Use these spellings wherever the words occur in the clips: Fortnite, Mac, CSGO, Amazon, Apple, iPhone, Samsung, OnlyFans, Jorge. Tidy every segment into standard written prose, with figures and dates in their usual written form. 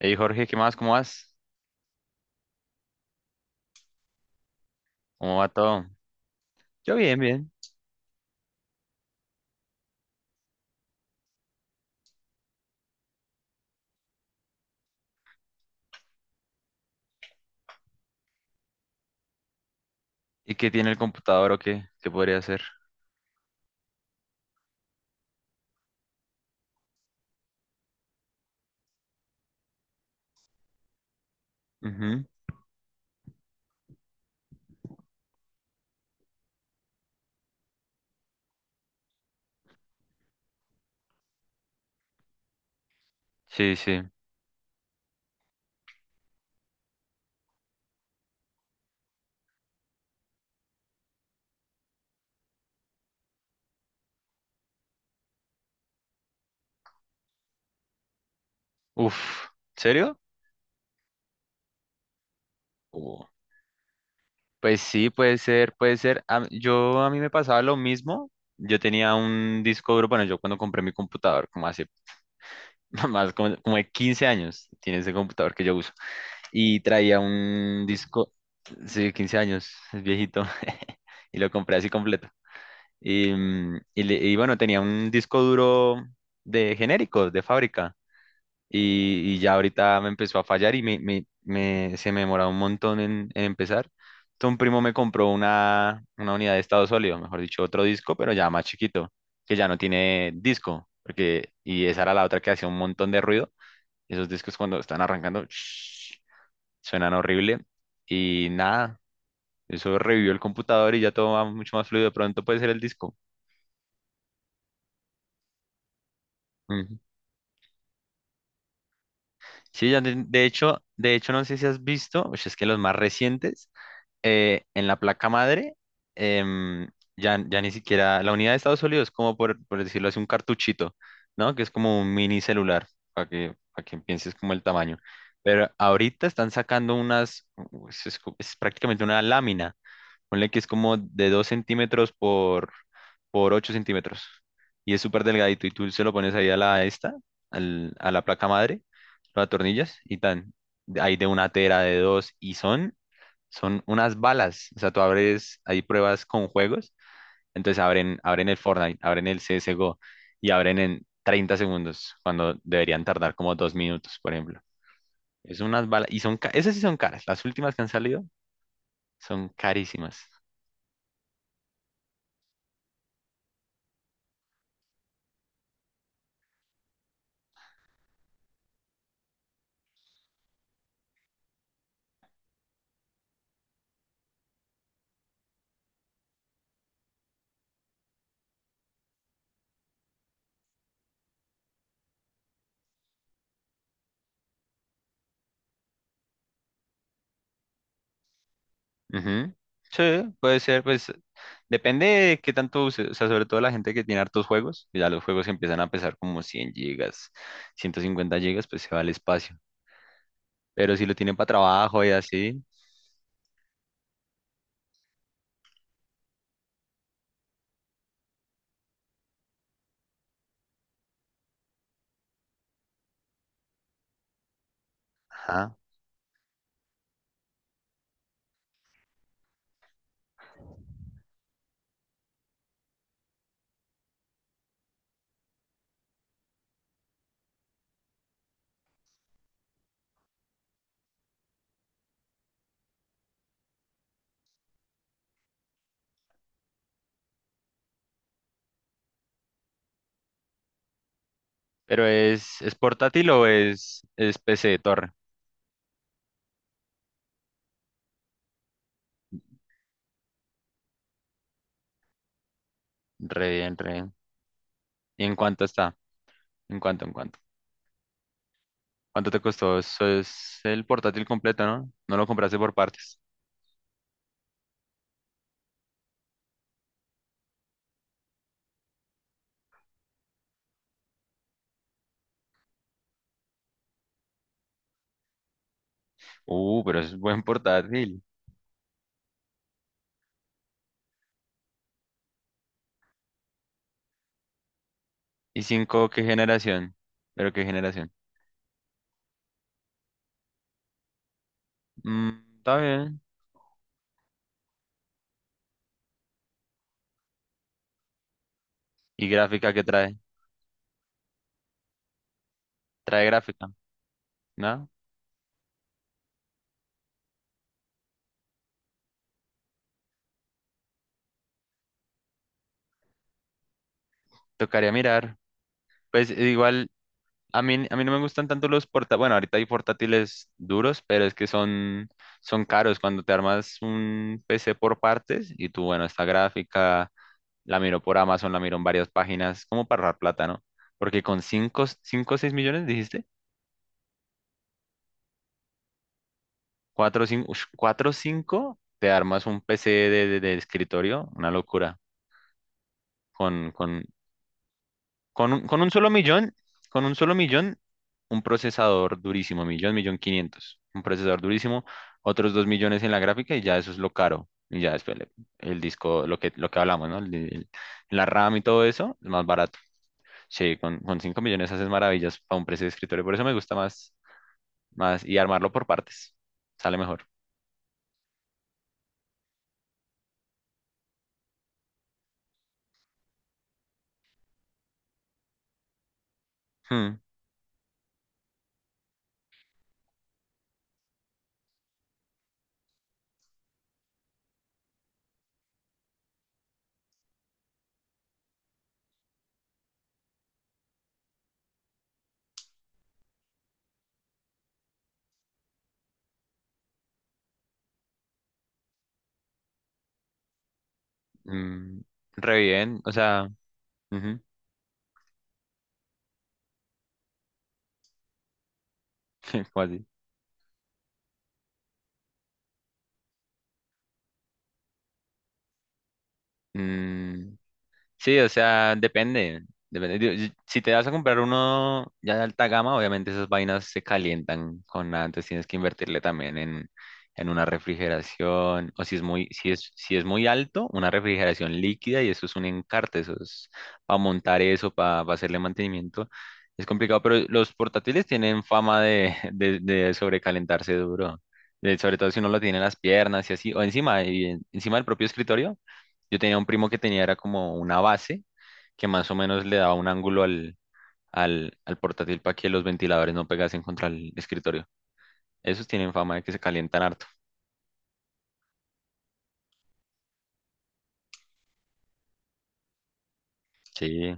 Hey Jorge, ¿qué más? ¿Cómo vas? ¿Cómo va todo? Yo bien, bien. ¿Y qué tiene el computador o qué? ¿Qué podría hacer? Ujú. Sí, sí. Uf, ¿serio? Uh, Pues sí, puede ser, puede ser. Yo a mí me pasaba lo mismo. Yo tenía un disco duro, bueno, yo cuando compré mi computador, como hace más como de 15 años, tiene ese computador que yo uso. Y traía un disco, sí, 15 años, es viejito. Y lo compré así completo. Y bueno, tenía un disco duro de genéricos, de fábrica. Y ya ahorita me empezó a fallar y se me demoraba un montón en empezar. Entonces un primo me compró una unidad de estado sólido, mejor dicho, otro disco, pero ya más chiquito, que ya no tiene disco. Y esa era la otra que hacía un montón de ruido. Esos discos cuando están arrancando, suenan horrible. Y nada, eso revivió el computador y ya todo va mucho más fluido. De pronto puede ser el disco. Sí, ya de hecho, no sé si has visto, pues es que los más recientes, en la placa madre, em, ya ni siquiera, la unidad de estado sólido es como, por decirlo así, un cartuchito, ¿no? Que es como un mini celular, para que pienses como el tamaño. Pero ahorita están sacando unas, u- es co- es prácticamente una lámina. Ponle que es como de 2 centímetros por 8 centímetros. Y es súper delgadito. Y tú se lo pones ahí a la placa madre, lo atornillas y tan. Hay de una tera, de dos, y son unas balas. O sea, tú abres, hay pruebas con juegos. Entonces abren el Fortnite, abren el CSGO y abren en 30 segundos, cuando deberían tardar como 2 minutos, por ejemplo. Es unas balas. Y esas sí son caras. Las últimas que han salido son carísimas. Ujú. Sí, puede ser, pues depende de qué tanto use, o sea, sobre todo la gente que tiene hartos juegos, que ya los juegos empiezan a pesar como 100 gigas, 150 gigas, pues se va al espacio, pero si lo tienen para trabajo y así, ajá, pero ¿es portátil o es PC de torre? Re bien, re bien. ¿Y en cuánto está? ¿En cuánto, en cuánto? ¿Cuánto te costó? Eso es el portátil completo, ¿no? No lo compraste por partes. Pero es buen portátil. ¿Y 5 qué generación? ¿Pero qué generación? Mm, Está bien. ¿Y gráfica qué trae? Trae gráfica, ¿no? Tocaría mirar. Pues igual, a mí no me gustan tanto los portátiles. Bueno, ahorita hay portátiles duros, pero es que son caros. Cuando te armas un PC por partes y tú, bueno, esta gráfica la miro por Amazon, la miro en varias páginas, como para ahorrar plata, ¿no? Porque con cinco o 6 millones, dijiste, cuatro cinco te armas un PC de escritorio, una locura con con un solo millón, con un solo millón, un procesador durísimo, millón, millón quinientos, un procesador durísimo, otros 2 millones en la gráfica y ya eso es lo caro. Y ya después el disco, lo que hablamos, ¿no? La RAM y todo eso es más barato. Sí, con 5 millones haces maravillas para un precio de escritorio. Por eso me gusta más y armarlo por partes. Sale mejor. Hmm. Mm. Re bien, o sea. Ujú. ¿Cómo así? Mm, sí, o sea, depende. Depende. Digo, si te vas a comprar uno ya de alta gama, obviamente esas vainas se calientan con nada, entonces tienes que invertirle también en una refrigeración, o si es muy, si es, si es muy alto, una refrigeración líquida y eso es un encarte, eso es para montar eso, para hacerle mantenimiento. Es complicado, pero los portátiles tienen fama de sobrecalentarse duro, sobre todo si uno lo tiene en las piernas y así, o encima, y encima del propio escritorio. Yo tenía un primo que tenía, era como una base que más o menos le daba un ángulo al portátil para que los ventiladores no pegasen contra el escritorio. Esos tienen fama de que se calientan harto. Sí,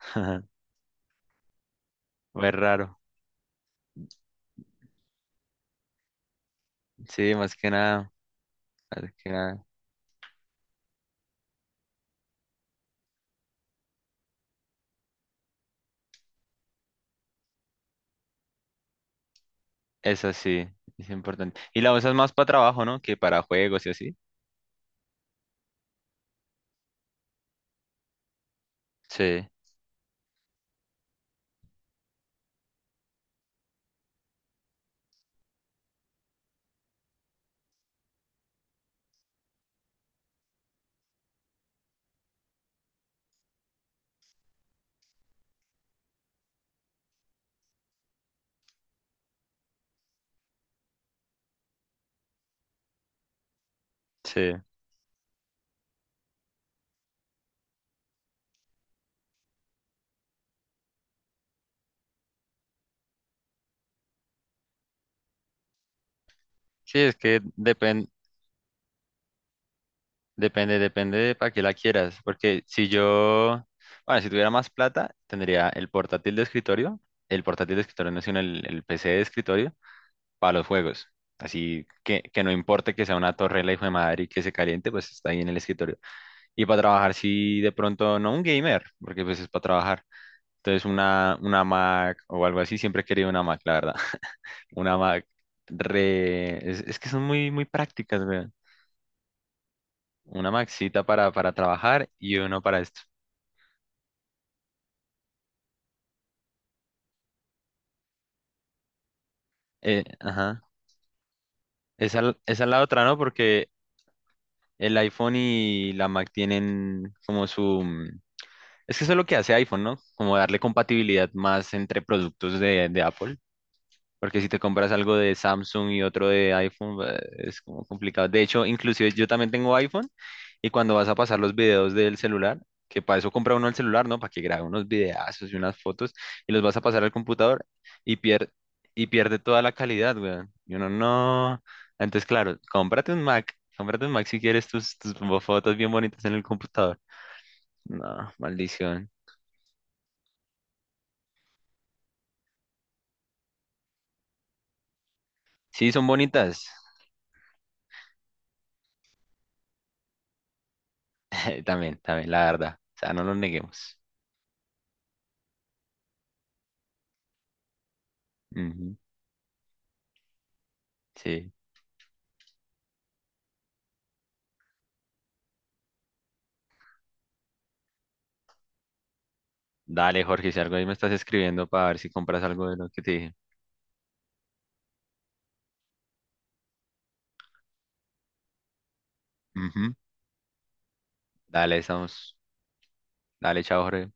fue raro. Sí, más que nada, más que nada. Eso sí, es importante. Y la usas más para trabajo, ¿no? Que para juegos y así. Sí, sí. Sí, es que depende de para qué la quieras, porque si yo, bueno, si tuviera más plata, tendría el portátil de escritorio, el portátil de escritorio no, sino el PC de escritorio para los juegos. Así que no importe que sea una torre la hijo de madre y que se caliente, pues está ahí en el escritorio. Y para trabajar, si de pronto, no un gamer, porque pues es para trabajar. Entonces una Mac o algo así, siempre he querido una Mac, la verdad. Una Mac es que son muy, muy prácticas, weón. Una Maxita para trabajar y uno para esto. Ajá. Esa es la otra, ¿no? Porque el iPhone y la Mac tienen como. Es que eso es lo que hace iPhone, ¿no? Como darle compatibilidad más entre productos de Apple. Porque si te compras algo de Samsung y otro de iPhone, es como complicado. De hecho, inclusive yo también tengo iPhone y cuando vas a pasar los videos del celular, que para eso compra uno el celular, ¿no? Para que grabe unos videazos y unas fotos y los vas a pasar al computador y y pierde toda la calidad, weón. Y uno no. Entonces, claro, cómprate un Mac si quieres tus fotos bien bonitas en el computador. No, maldición. Sí, son bonitas. También, también, la verdad. O sea, no lo neguemos. Ujú. Sí. Dale, Jorge, si algo ahí me estás escribiendo para ver si compras algo de lo que te dije. Ujú. Dale, estamos. Dale, chao, Jorge.